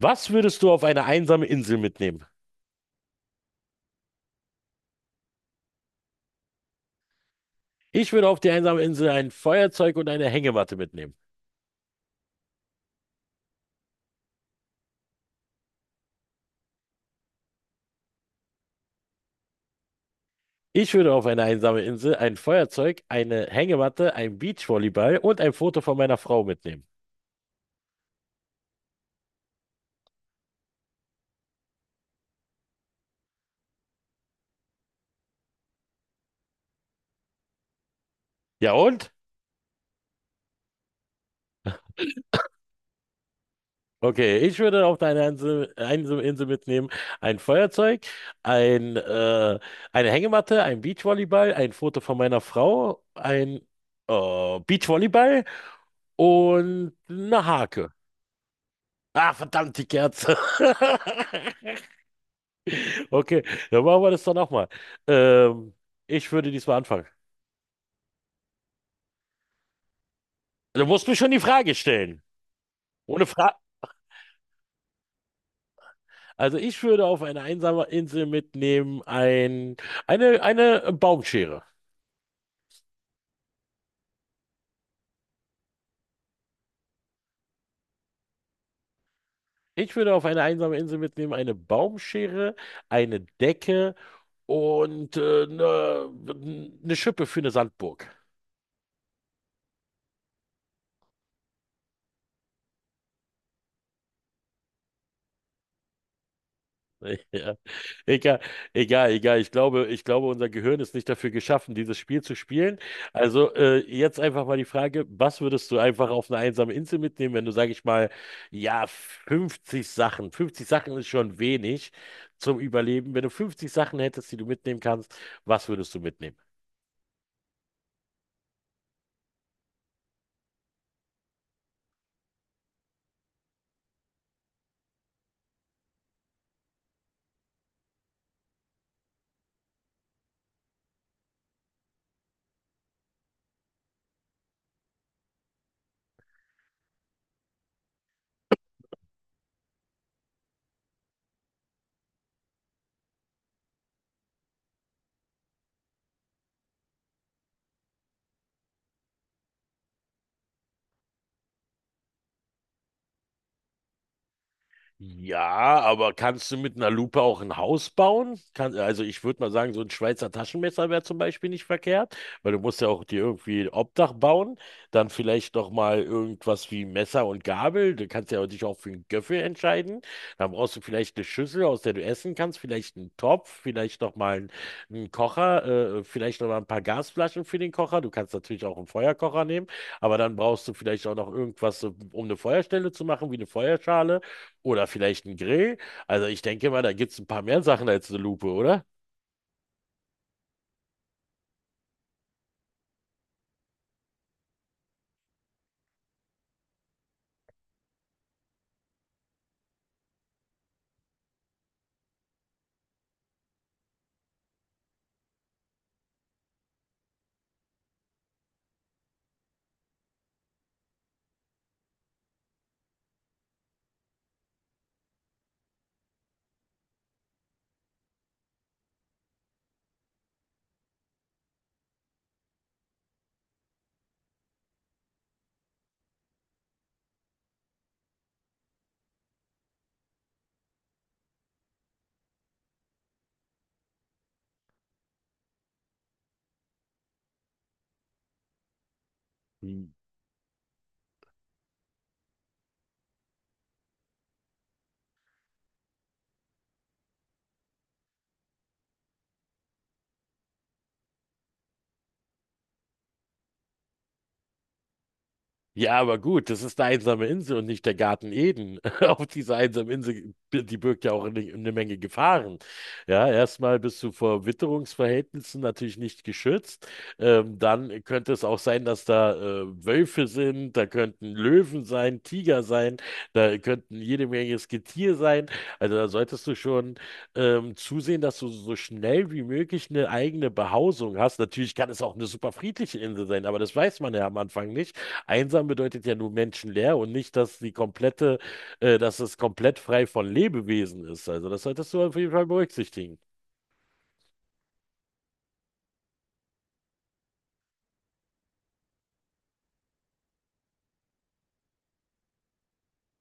Was würdest du auf eine einsame Insel mitnehmen? Ich würde auf die einsame Insel ein Feuerzeug und eine Hängematte mitnehmen. Ich würde auf eine einsame Insel ein Feuerzeug, eine Hängematte, ein Beachvolleyball und ein Foto von meiner Frau mitnehmen. Ja und? Okay, ich würde auf eine Insel, einsame Insel mitnehmen ein Feuerzeug, ein, äh, eine Hängematte, ein Beachvolleyball, ein Foto von meiner Frau, ein Beachvolleyball und eine Hake. Ah, verdammt, die Kerze. Okay, dann machen wir das doch nochmal. Ähm, Ich würde diesmal anfangen. Du musst mir schon die Frage stellen. Ohne Frage. Also ich würde auf eine einsame Insel mitnehmen eine Baumschere. Ich würde auf eine einsame Insel mitnehmen eine Baumschere, eine Decke und eine Schippe für eine Sandburg. Ja. Egal, egal. Ich glaube, unser Gehirn ist nicht dafür geschaffen, dieses Spiel zu spielen. Also jetzt einfach mal die Frage, was würdest du einfach auf eine einsame Insel mitnehmen, wenn du, sage ich mal, ja, 50 Sachen, 50 Sachen ist schon wenig zum Überleben. Wenn du 50 Sachen hättest, die du mitnehmen kannst, was würdest du mitnehmen? Ja, aber kannst du mit einer Lupe auch ein Haus bauen? Kann, also ich würde mal sagen, so ein Schweizer Taschenmesser wäre zum Beispiel nicht verkehrt, weil du musst ja auch dir irgendwie ein Obdach bauen. Dann vielleicht noch mal irgendwas wie Messer und Gabel. Du kannst ja dich auch für einen Göffel entscheiden. Dann brauchst du vielleicht eine Schüssel, aus der du essen kannst, vielleicht einen Topf, vielleicht noch mal einen Kocher, vielleicht noch mal ein paar Gasflaschen für den Kocher. Du kannst natürlich auch einen Feuerkocher nehmen, aber dann brauchst du vielleicht auch noch irgendwas, so, um eine Feuerstelle zu machen, wie eine Feuerschale. Oder vielleicht ein Grill. Also ich denke mal, da gibt es ein paar mehr Sachen als eine Lupe, oder? Ja, aber gut, das ist eine einsame Insel und nicht der Garten Eden. Auf dieser einsamen Insel, die birgt ja auch eine Menge Gefahren. Ja, erstmal bist du vor Witterungsverhältnissen natürlich nicht geschützt. Dann könnte es auch sein, dass da Wölfe sind, da könnten Löwen sein, Tiger sein, da könnten jede Menge Getier sein. Also da solltest du schon zusehen, dass du so schnell wie möglich eine eigene Behausung hast. Natürlich kann es auch eine super friedliche Insel sein, aber das weiß man ja am Anfang nicht. Einsam bedeutet ja nur menschenleer und nicht, dass die dass es komplett frei von Lebewesen ist. Also das solltest du auf jeden Fall berücksichtigen.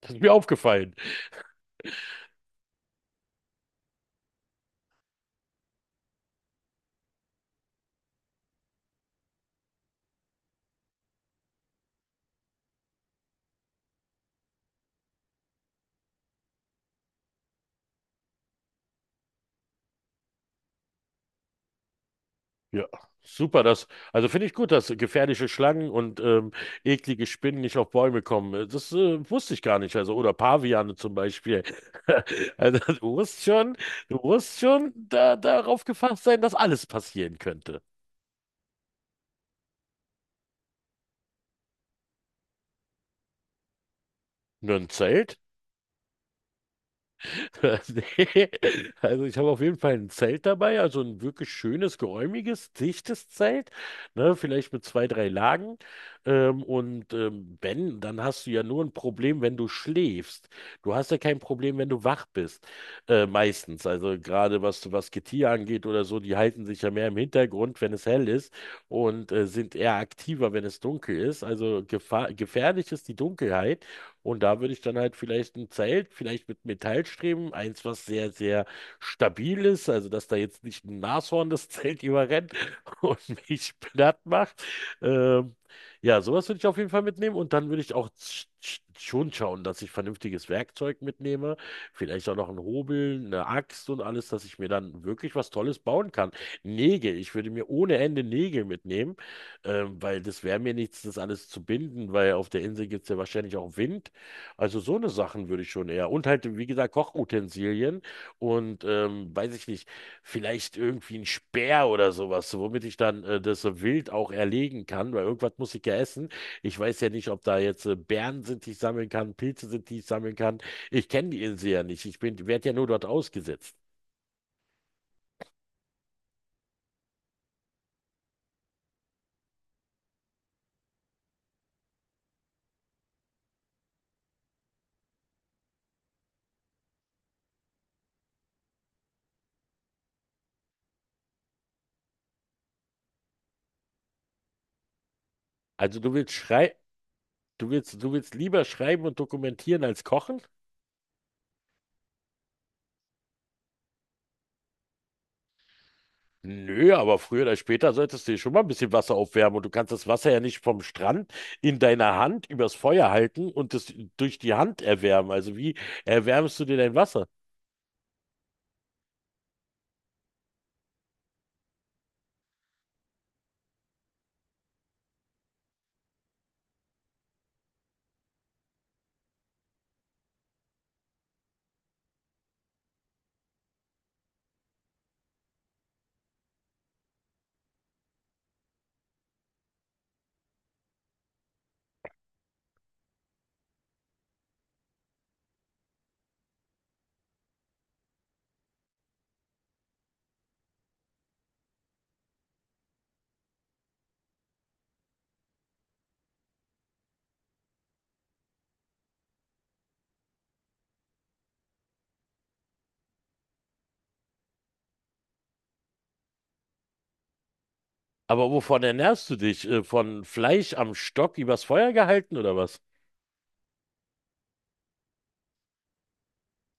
Das ist mir aufgefallen. Ja, super. Das, also finde ich gut, dass gefährliche Schlangen und eklige Spinnen nicht auf Bäume kommen. Das wusste ich gar nicht. Also oder Paviane zum Beispiel. Also du musst schon, du musst schon darauf gefasst sein, dass alles passieren könnte. Nur ein Zelt? Nee. Also ich habe auf jeden Fall ein Zelt dabei, also ein wirklich schönes, geräumiges, dichtes Zelt, ne, vielleicht mit zwei, drei Lagen. Wenn, dann hast du ja nur ein Problem, wenn du schläfst. Du hast ja kein Problem, wenn du wach bist. Meistens, also gerade was Getier angeht oder so, die halten sich ja mehr im Hintergrund, wenn es hell ist und sind eher aktiver, wenn es dunkel ist. Also gefahr gefährlich ist die Dunkelheit. Und da würde ich dann halt vielleicht ein Zelt, vielleicht mit Metallstreben, eins, was sehr stabil ist, also dass da jetzt nicht ein Nashorn das Zelt überrennt und mich platt macht. Ähm, ja, sowas würde ich auf jeden Fall mitnehmen und dann würde ich auch schon schauen, dass ich vernünftiges Werkzeug mitnehme, vielleicht auch noch ein Hobel, eine Axt und alles, dass ich mir dann wirklich was Tolles bauen kann. Nägel, ich würde mir ohne Ende Nägel mitnehmen, weil das wäre mir nichts, das alles zu binden, weil auf der Insel gibt es ja wahrscheinlich auch Wind. Also so eine Sachen würde ich schon eher. Und halt, wie gesagt, Kochutensilien und weiß ich nicht, vielleicht irgendwie ein Speer oder sowas, womit ich dann das Wild auch erlegen kann, weil irgendwas muss ich ja essen. Ich weiß ja nicht, ob da jetzt Beeren sind, die ich sammeln kann, Pilze sind, die ich sammeln kann. Ich kenne die Insel ja nicht. Werde ja nur dort ausgesetzt. Also du willst schrei, du willst lieber schreiben und dokumentieren als kochen? Nö, aber früher oder später solltest du dir schon mal ein bisschen Wasser aufwärmen und du kannst das Wasser ja nicht vom Strand in deiner Hand übers Feuer halten und es durch die Hand erwärmen. Also wie erwärmst du dir dein Wasser? Aber wovon ernährst du dich? Von Fleisch am Stock übers Feuer gehalten oder was?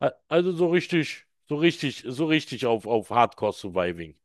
Also so richtig auf Hardcore Surviving.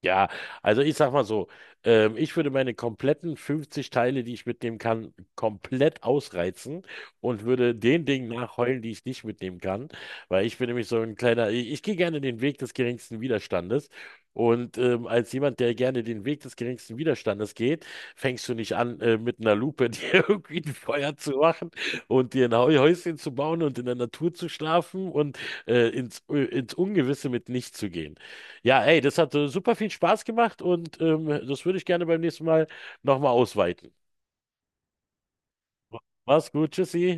Ja, also ich sag mal so, ich würde meine kompletten 50 Teile, die ich mitnehmen kann, komplett ausreizen und würde den Dingen nachheulen, die ich nicht mitnehmen kann, weil ich bin nämlich so ein kleiner, ich gehe gerne den Weg des geringsten Widerstandes und als jemand, der gerne den Weg des geringsten Widerstandes geht, fängst du nicht an, mit einer Lupe dir irgendwie ein Feuer zu machen und dir ein Häuschen zu bauen und in der Natur zu schlafen und ins Ungewisse mit nichts zu gehen. Ja, ey, das hat super viel Spaß gemacht und das würde ich gerne beim nächsten Mal nochmal ausweiten. Mach's gut, tschüssi.